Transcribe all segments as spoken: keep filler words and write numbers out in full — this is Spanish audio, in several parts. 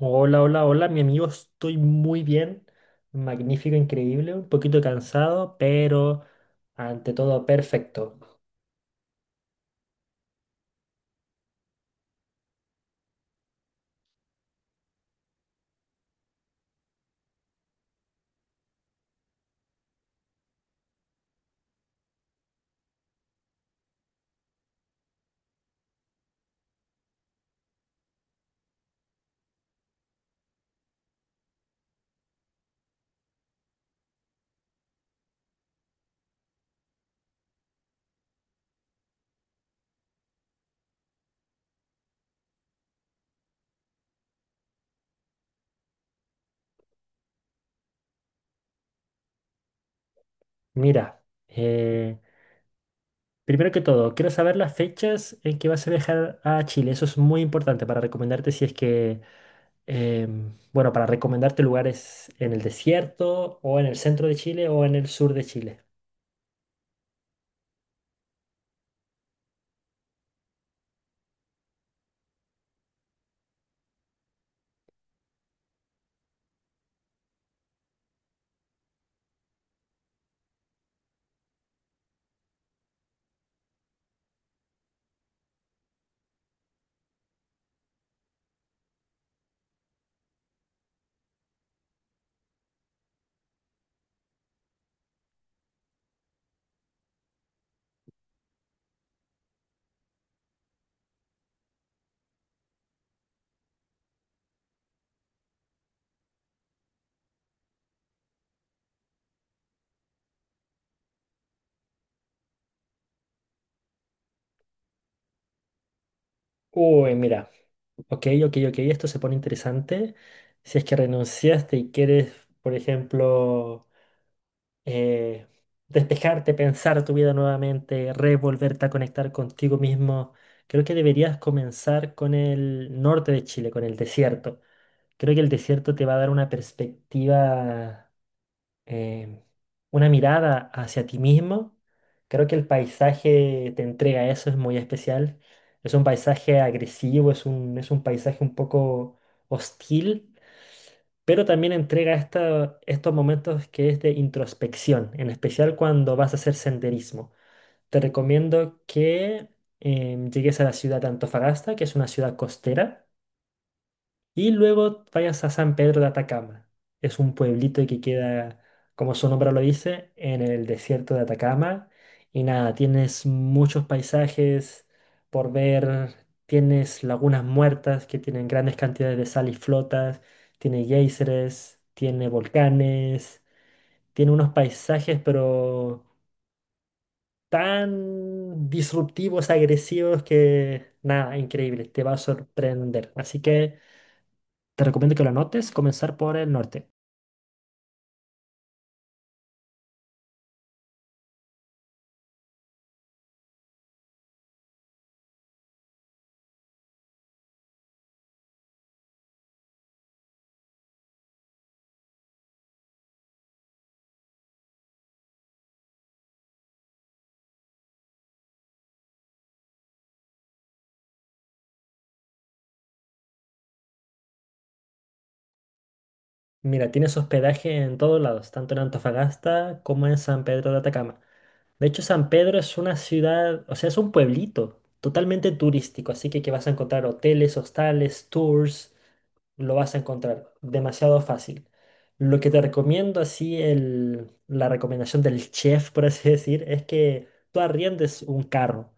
Hola, hola, hola, mi amigo, estoy muy bien, magnífico, increíble, un poquito cansado, pero ante todo perfecto. Mira, eh, primero que todo, quiero saber las fechas en que vas a viajar a Chile, eso es muy importante para recomendarte si es que, em, bueno, para recomendarte lugares en el desierto o en el centro de Chile o en el sur de Chile. Uy, mira, ok, ok, ok, esto se pone interesante. Si es que renunciaste y quieres, por ejemplo eh, despejarte, pensar tu vida nuevamente, revolverte a conectar contigo mismo. Creo que deberías comenzar con el norte de Chile, con el desierto. Creo que el desierto te va a dar una perspectiva, eh, una mirada hacia ti mismo. Creo que el paisaje te entrega eso, es muy especial. Es un paisaje agresivo, es un, es un paisaje un poco hostil, pero también entrega esta- estos momentos que es de introspección, en especial cuando vas a hacer senderismo. Te recomiendo que em, llegues a la ciudad de Antofagasta, que es una ciudad costera. Y luego vayas a San Pedro de Atacama. Es un pueblito que queda, como su nombre lo dice, en el desierto de Atacama. Y nada, tienes muchos paisajes por ver. Tienes lagunas muertas que tienen grandes cantidades de sal y flotas. Tiene géiseres, tiene volcanes. Tiene unos paisajes, pero tan disruptivos, agresivos que nada, increíble. Te va a sorprender. Así que. Te recomiendo que lo anotes, comenzar por el norte. Mira, tienes hospedaje en todos lados, tanto en Antofagasta como en San Pedro de Atacama. De hecho, San Pedro es una ciudad, o sea, es un pueblito totalmente turístico, así que, que vas a encontrar hoteles, hostales, tours, lo vas a encontrar demasiado fácil. Lo que te recomiendo, así, el, la recomendación del chef, por así decir, es que tú arriendes un carro.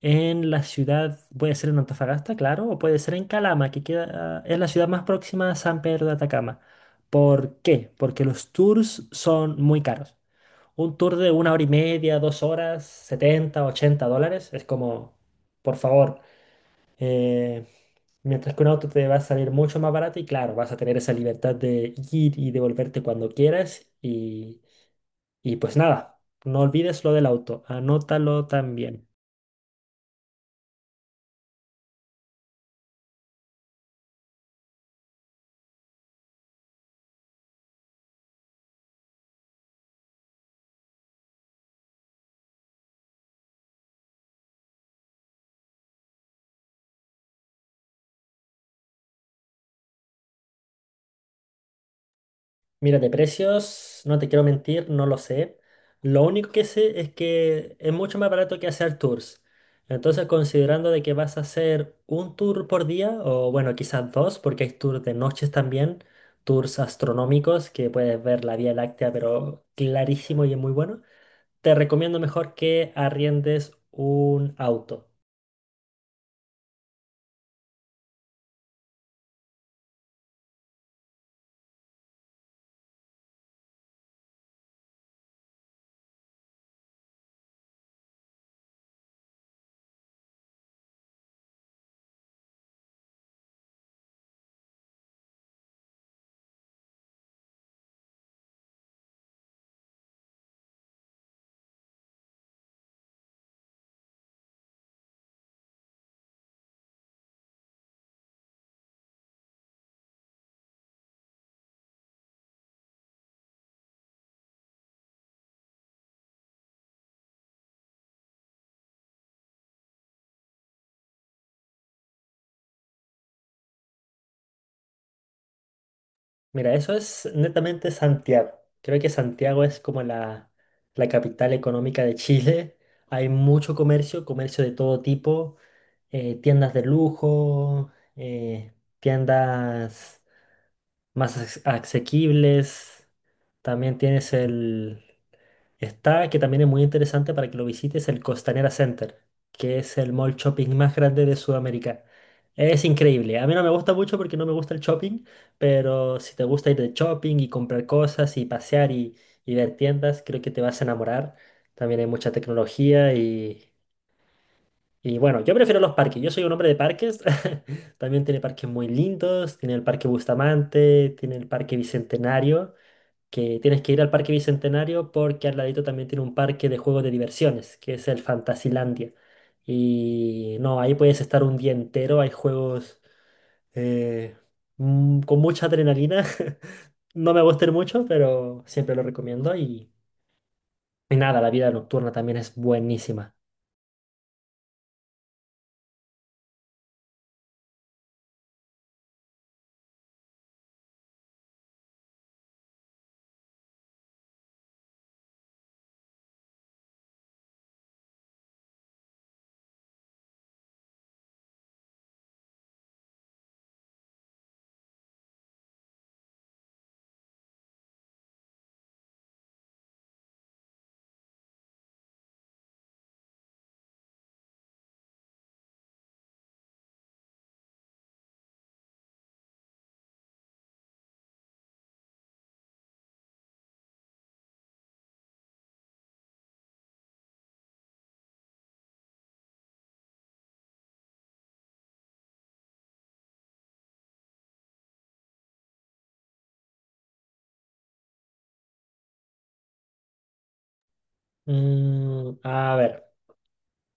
En la ciudad, puede ser en Antofagasta, claro, o puede ser en Calama, que queda, es la ciudad más próxima a San Pedro de Atacama. ¿Por qué? Porque los tours son muy caros. Un tour de una hora y media, dos horas, setenta, ochenta dólares, es como, por favor, eh, mientras que un auto te va a salir mucho más barato y claro, vas a tener esa libertad de ir y devolverte cuando quieras y, y pues nada, no olvides lo del auto, anótalo también. Mira, de precios, no te quiero mentir, no lo sé. Lo único que sé es que es mucho más barato que hacer tours. Entonces, considerando de que vas a hacer un tour por día, o bueno, quizás dos, porque hay tours de noches también, tours astronómicos que puedes ver la Vía Láctea, pero clarísimo y es muy bueno. Te recomiendo mejor que arriendes un auto. Mira, eso es netamente Santiago. Creo que Santiago es como la, la capital económica de Chile. Hay mucho comercio, comercio de todo tipo, eh, tiendas de lujo, eh, tiendas más as- asequibles. También tienes el, Está, que también es muy interesante para que lo visites, el Costanera Center, que es el mall shopping más grande de Sudamérica. Es increíble. A mí no me gusta mucho porque no me gusta el shopping, pero si te gusta ir de shopping y comprar cosas y pasear y, y ver tiendas, creo que te vas a enamorar. También hay mucha tecnología y, y bueno, yo prefiero los parques. Yo soy un hombre de parques. También tiene parques muy lindos. Tiene el Parque Bustamante, tiene el Parque Bicentenario, que tienes que ir al Parque Bicentenario porque al ladito también tiene un parque de juegos de diversiones, que es el Fantasilandia. Y no, ahí puedes estar un día entero, hay juegos eh, mm, con mucha adrenalina. No me gustan mucho, pero siempre lo recomiendo y, y nada, la vida nocturna también es buenísima. Mm, a ver,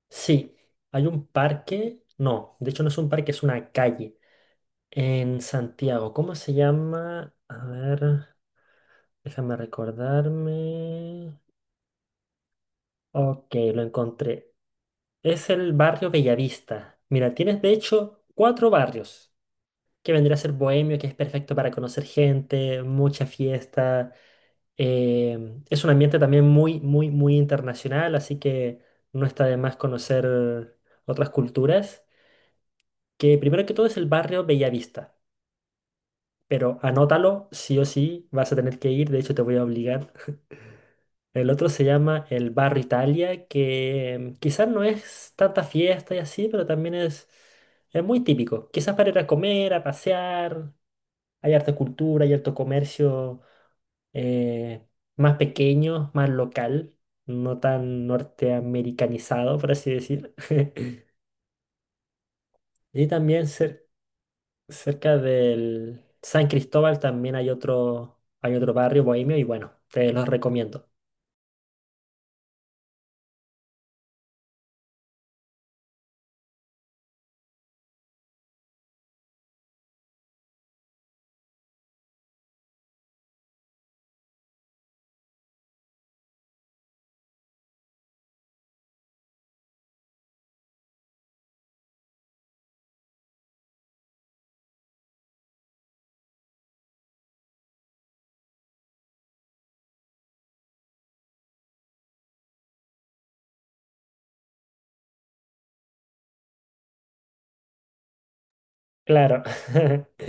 sí, hay un parque, no, de hecho no es un parque, es una calle en Santiago. ¿Cómo se llama? A ver. Déjame recordarme. Ok, lo encontré. Es el barrio Bellavista. Mira, tienes de hecho cuatro barrios, que vendría a ser Bohemio, que es perfecto para conocer gente, mucha fiesta. Em, es un ambiente también muy, muy, muy internacional, así que no está de más conocer otras culturas. Que primero que todo es el barrio Bellavista, pero anótalo, sí o sí, vas a tener que ir, de hecho te voy a obligar. El otro se llama el Bar Italia, que em, quizás no es tanta fiesta y así, pero también es, es muy típico. Quizás para ir a comer, a pasear, hay harta cultura, hay harto comercio, eh, más pequeño, más local, no tan norteamericanizado, por así decir. Y también cer- cerca del San Cristóbal también hay otro, hay otro barrio bohemio y bueno, te los recomiendo. Claro.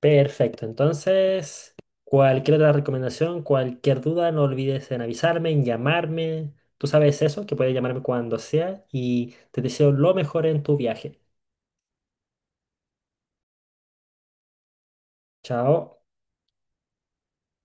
Perfecto, entonces cualquier otra recomendación, cualquier duda, no olvides en avisarme, en llamarme. Tú sabes eso, que puedes llamarme cuando sea y te deseo lo mejor en tu viaje. Chao.